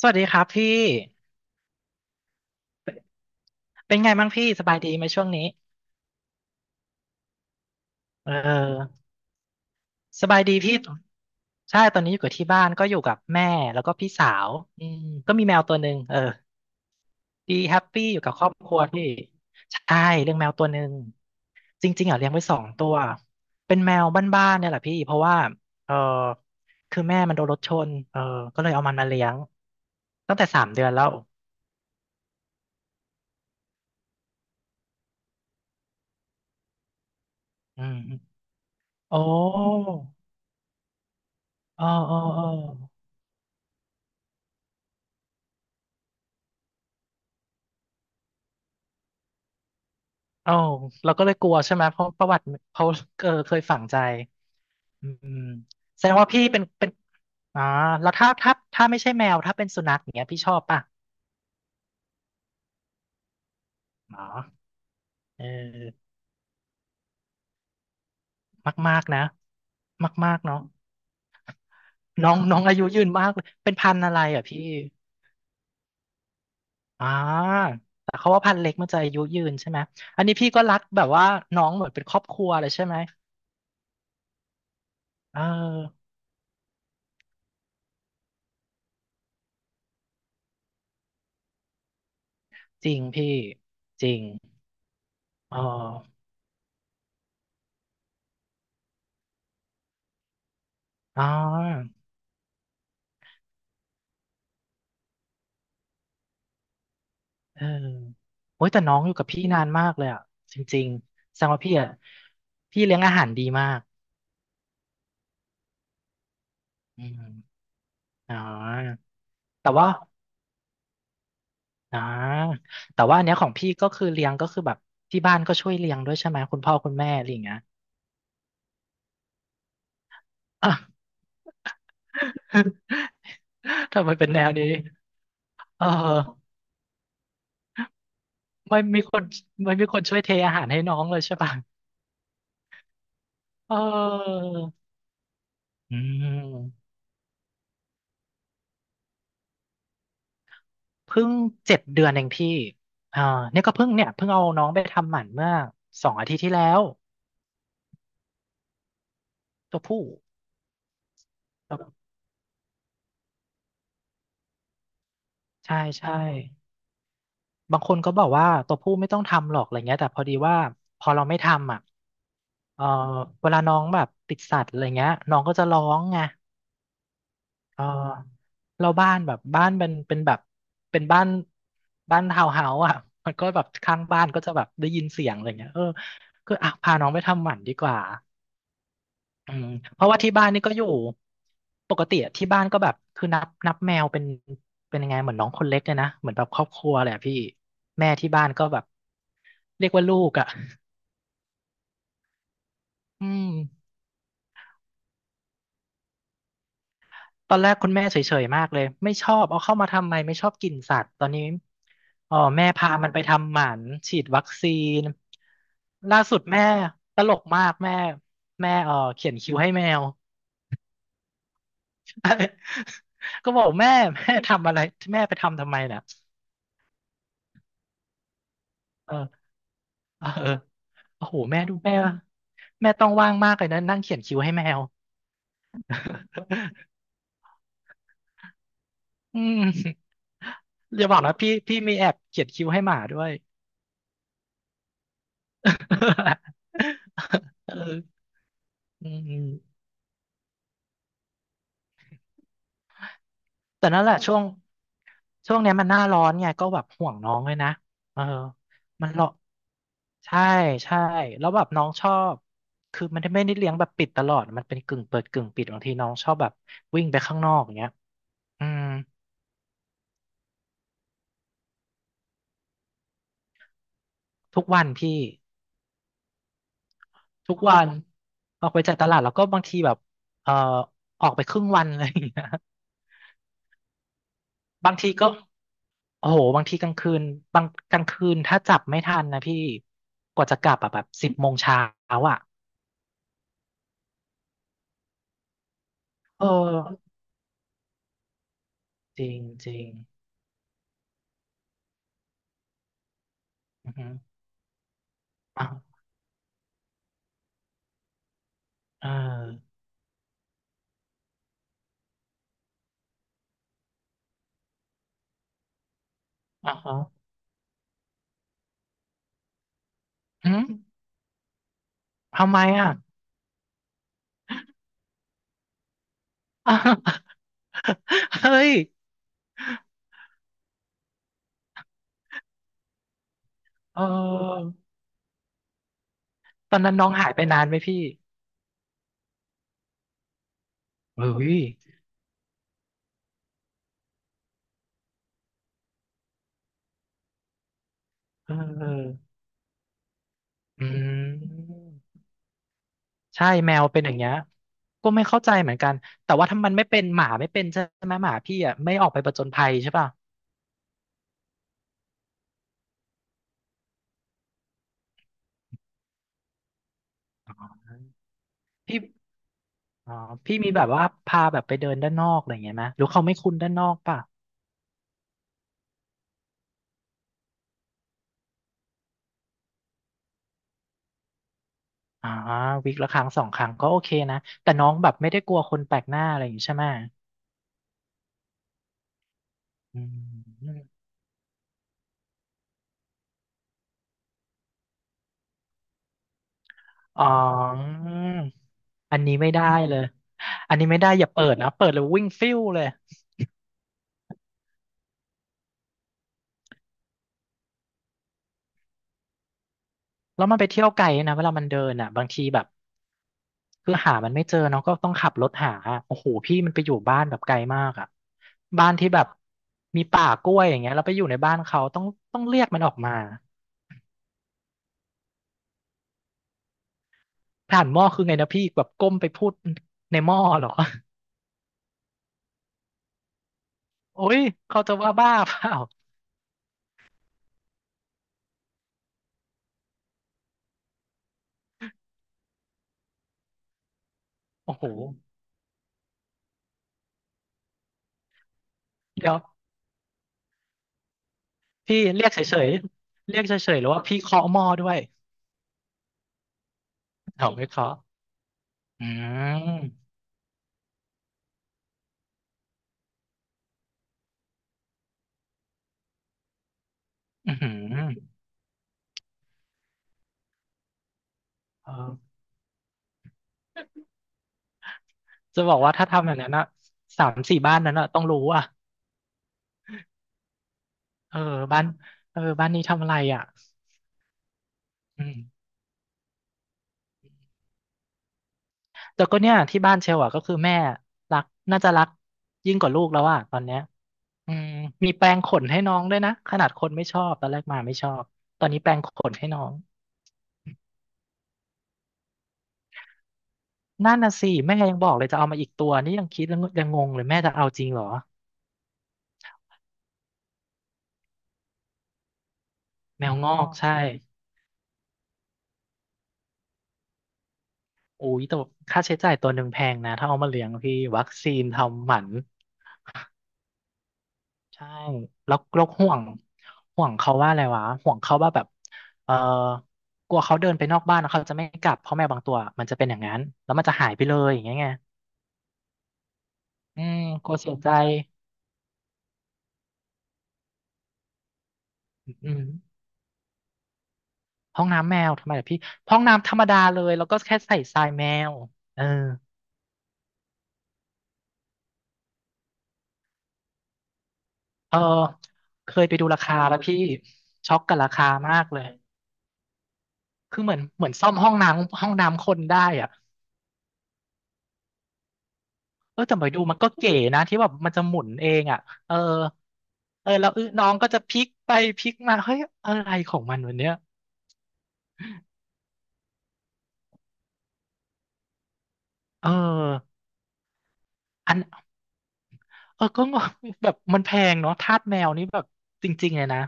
สวัสดีครับพี่ เป็นเป็นไงบ้างพี่สบายดีไหมช่วงนี้เออสบายดีพี่ใช่ตอนนี้อยู่กับที่บ้านก็อยู่กับแม่แล้วก็พี่สาวอืมก็มีแมวตัวหนึ่งเออดีแฮปปี้อยู่กับครอบครัวพี่ใช่เลี้ยงแมวตัวหนึ่งจริงๆอ่ะเลี้ยงไว้2 ตัวเป็นแมวบ้านๆเนี่ยแหละพี่เพราะว่าเออคือแม่มันโดนรถชนเออก็เลยเอามันมาเลี้ยงตั้งแต่3 เดือนแล้วอืมโอ้อ๋ออ๋ออ๋อ เอ้าเราก็เลยกลัวใช่ไหมเพราะประวัติเขาเออเคยฝังใจอืมแสดงว่าพี่เป็นอ๋อแล้วถ้าไม่ใช่แมวถ้าเป็นสุนัขอย่างเงี้ยพี่ชอบป่ะอ๋อเออมากๆนะมากๆเนาะน้อง น้องอายุยืนมากเลยเป็นพันธุ์อะไรอ่ะพี่อ่าแต่เขาว่าพันธุ์เล็กมันจะอายุยืนใช่ไหมอันนี้พี่ก็รักแบบว่าน้องเหมือนเป็นครอบครัวเลยใช่ไหมเออจริงพี่จริงอ๋ออ๋อ เออโอ้ยแต่น้องอยู่กับพี่นานมากเลยอ่ะจริงๆแสดงว่าพี่อ่ะพี่เลี้ยงอาหารดีมากอืมอ๋อแต่ว่าอ๋อแต่ว่าอันเนี้ยของพี่ก็คือเลี้ยงก็คือแบบที่บ้านก็ช่วยเลี้ยงด้วยใช่ไหมคุณพ่อคุณแม่อะไรอย่างเงี้ย อ่ะ ทำไมเป็นแนวนี้เออไม่มีคนไม่มีคนช่วยเทอาหารให้น้องเลยใช่ป่ะเอออืม เพิ่ง7 เดือนเองพี่อ่าเนี่ยก็เพิ่งเอาน้องไปทำหมันเมื่อ2 อาทิตย์ที่แล้วตัวผู้ใช่ใช่บางคนก็บอกว่าตัวผู้ไม่ต้องทำหรอกอะไรเงี้ยแต่พอดีว่าพอเราไม่ทำอ่ะเออเวลาน้องแบบติดสัตว์อะไรเงี้ยน้องก็จะร้องไงเออเราบ้านแบบบ้านเป็นแบบเป็นบ้านบ้านทาวน์เฮาส์อ่ะมันก็แบบข้างบ้านก็จะแบบได้ยินเสียงอะไรเงี้ยเออก็อ่ะพาน้องไปทำหมันดีกว่า อืมเพราะว่าที่บ้านนี่ก็อยู่ปกติอะที่บ้านก็แบบคือนับแมวเป็นยังไงเหมือนน้องคนเล็กเลยนะเหมือนแบบครอบครัวแหลยอะพี่แม่ที่บ้านก็แบบเรียกว่าลูกอ่ะอืมตอนแรกคุณแม่เฉยๆมากเลยไม่ชอบเอาเข้ามาทำไมไม่ชอบกินสัตว์ตอนนี้อ๋อแม่พามันไปทำหมันฉีดวัคซีนล่าสุดแม่ตลกมากแม่แม่เขียนคิ้วให้แมว ก็บอกแม่แม่ทำอะไรแม่ไปทำไมน่ย เออโอ้โหแม่ดูแม่ว่ะแม่ต้องว่างมากเลยนะนั่งเขียนคิวให้แมว อืมอย่าบอกนะพี่มีแอบเขียนคิวให้หมาด้วย เอออืมแต่นั่นแหละช่วงเนี้ยมันหน้าร้อนไงก็แบบห่วงน้องเลยนะเออมันหรอกใช่ใช่แล้วแบบน้องชอบคือมันไม่ได้เลี้ยงแบบปิดตลอดมันเป็นกึ่งเปิดกึ่งปิดบางทีน้องชอบแบบวิ่งไปข้างนอกอย่างเงี้ยอืมทุกวันพี่ ทุกวันออกไปจ่ายตลาดแล้วก็บางทีแบบเอ่อออกไปครึ่งวันอะไรอย่างเงี้ยบางทีก็โอ้โหบางทีกลางคืนบางกลางคืนถ้าจับไม่ทันนะพี่กว่าจะกลับอะแบบ10 โมงเช้าอ่ะเออจริงจริงอือฮึอ่ะเอออ่ะฮะอืมทำไมอ่ะอ่ะ เฮ้ยเออตอนนั้นน้องหายไปนานไหมพี่เฮ้ยเอออืม ใช่แมวเป็นอย่างเงี้ยก็ไม่เข้าใจเหมือนกันแต่ว่าถ้ามันไม่เป็นหมาไม่เป็นใช่ไหมหมาพี่อ่ะไม่ออกไปผจญภัยใช่ป่ะพี่อ๋อพี่มีแบบว่าพาแบบไปเดินด้านนอกอะไรอย่างเงี้ยไหมหรือเขาไม่คุ้นด้านนอกป่ะอ่าวีคละครั้งสองครั้งก็โอเคนะแต่น้องแบบไม่ได้กลัวคนแปลกหน้าอะไรอย่างงี้ใช่ไหมอืมอ๋ออันนี้ไม่ได้เลยอันนี้ไม่ได้อย่าเปิดนะเปิดแล้ววิ่งฟิวเลย แล้วมันไปเที่ยวไกลนะเวลามันเดินอ่ะบางทีแบบคือหามันไม่เจอเนาะก็ต้องขับรถหาอะโอ้โหพี่มันไปอยู่บ้านแบบไกลมากอ่ะบ้านที่แบบมีป่ากล้วยอย่างเงี้ยแล้วไปอยู่ในบ้านเขาต้องเรียกมันออกมาผ่านหม้อคือไงนะพี่แบบก้มไปพูดในหม้อเหรอโอ้ยเขาจะว่าบ้าเปล่าโอ้โหเดี๋ยวพี่เรียกเฉยๆเรียกเฉยๆหรือว่าพี่เคาะหม้อด้วยเอาไม่เคาะอืมอือหือเออ จะบอกว่าถ้าทำแบบนั้นอะสามสี่บ้านนั้นอะต้องรู้อะเออบ้านนี้ทำอะไรอะอืมแต่ก็เนี่ยที่บ้านเชลอะก็คือแม่รักน่าจะรักยิ่งกว่าลูกแล้วอะตอนเนี้ยอืมมีแปรงขนให้น้องด้วยนะขนาดคนไม่ชอบตอนแรกมาไม่ชอบตอนนี้แปรงขนให้น้องนั่นน่ะสิแม่ยังบอกเลยจะเอามาอีกตัวนี่ยังคิดแล้วยังงงเลยแม่จะเอาจริงเหรอแมวงอกใช่อุ้ยแต่ค่าใช้จ่ายตัวหนึ่งแพงนะถ้าเอามาเลี้ยงพี่วัคซีนทำหมัน ใช่แล้วห่วงห่วงเขาว่าอะไรวะห่วงเขาว่าแบบเออกลัวเขาเดินไปนอกบ้านแล้วเขาจะไม่กลับเพราะแมวบางตัวมันจะเป็นอย่างนั้นแล้วมันจะหายไปเลยอย่างเงี้ยไงอืมกลัวเสียใจอืมห้องน้ำแมวทำไมล่ะพี่ห้องน้ำธรรมดาเลยแล้วก็แค่ใส่ทรายแมวเออเออเคยไปดูราคาแล้วพี่ช็อกกับราคามากเลยคือเหมือนซ่อมห้องน้ำห้องน้ำคนได้อะ เออแต่ไปดูมันก็เก๋นะที่แบบมันจะหมุนเองอ่ะเออเออแล้วเออน้องก็จะพลิกไปพลิกมาเฮ้ยอะไรของมันวันเนี้ยเอออันเออก็งงแบบมันแพงเนาะทาสแมวนี่แบบจริงๆเลยนะ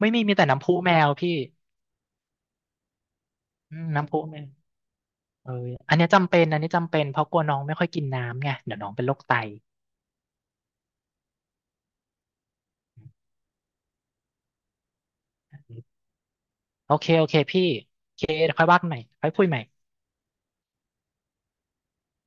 ไม่มีมีแต่น้ำพุแมวพี่อืมน้ำพุแมวเอออันเนี้ยจำเป็นอันนี้จำเป็นเพราะกลัวน้องไม่ค่อยกินน้ำไงเดี๋ยวน้องเป็นโรคไตโอเคโอเคพี่โอเคเดี๋ยวค่อยว่ากันใหม่ค่อยคุยใหม่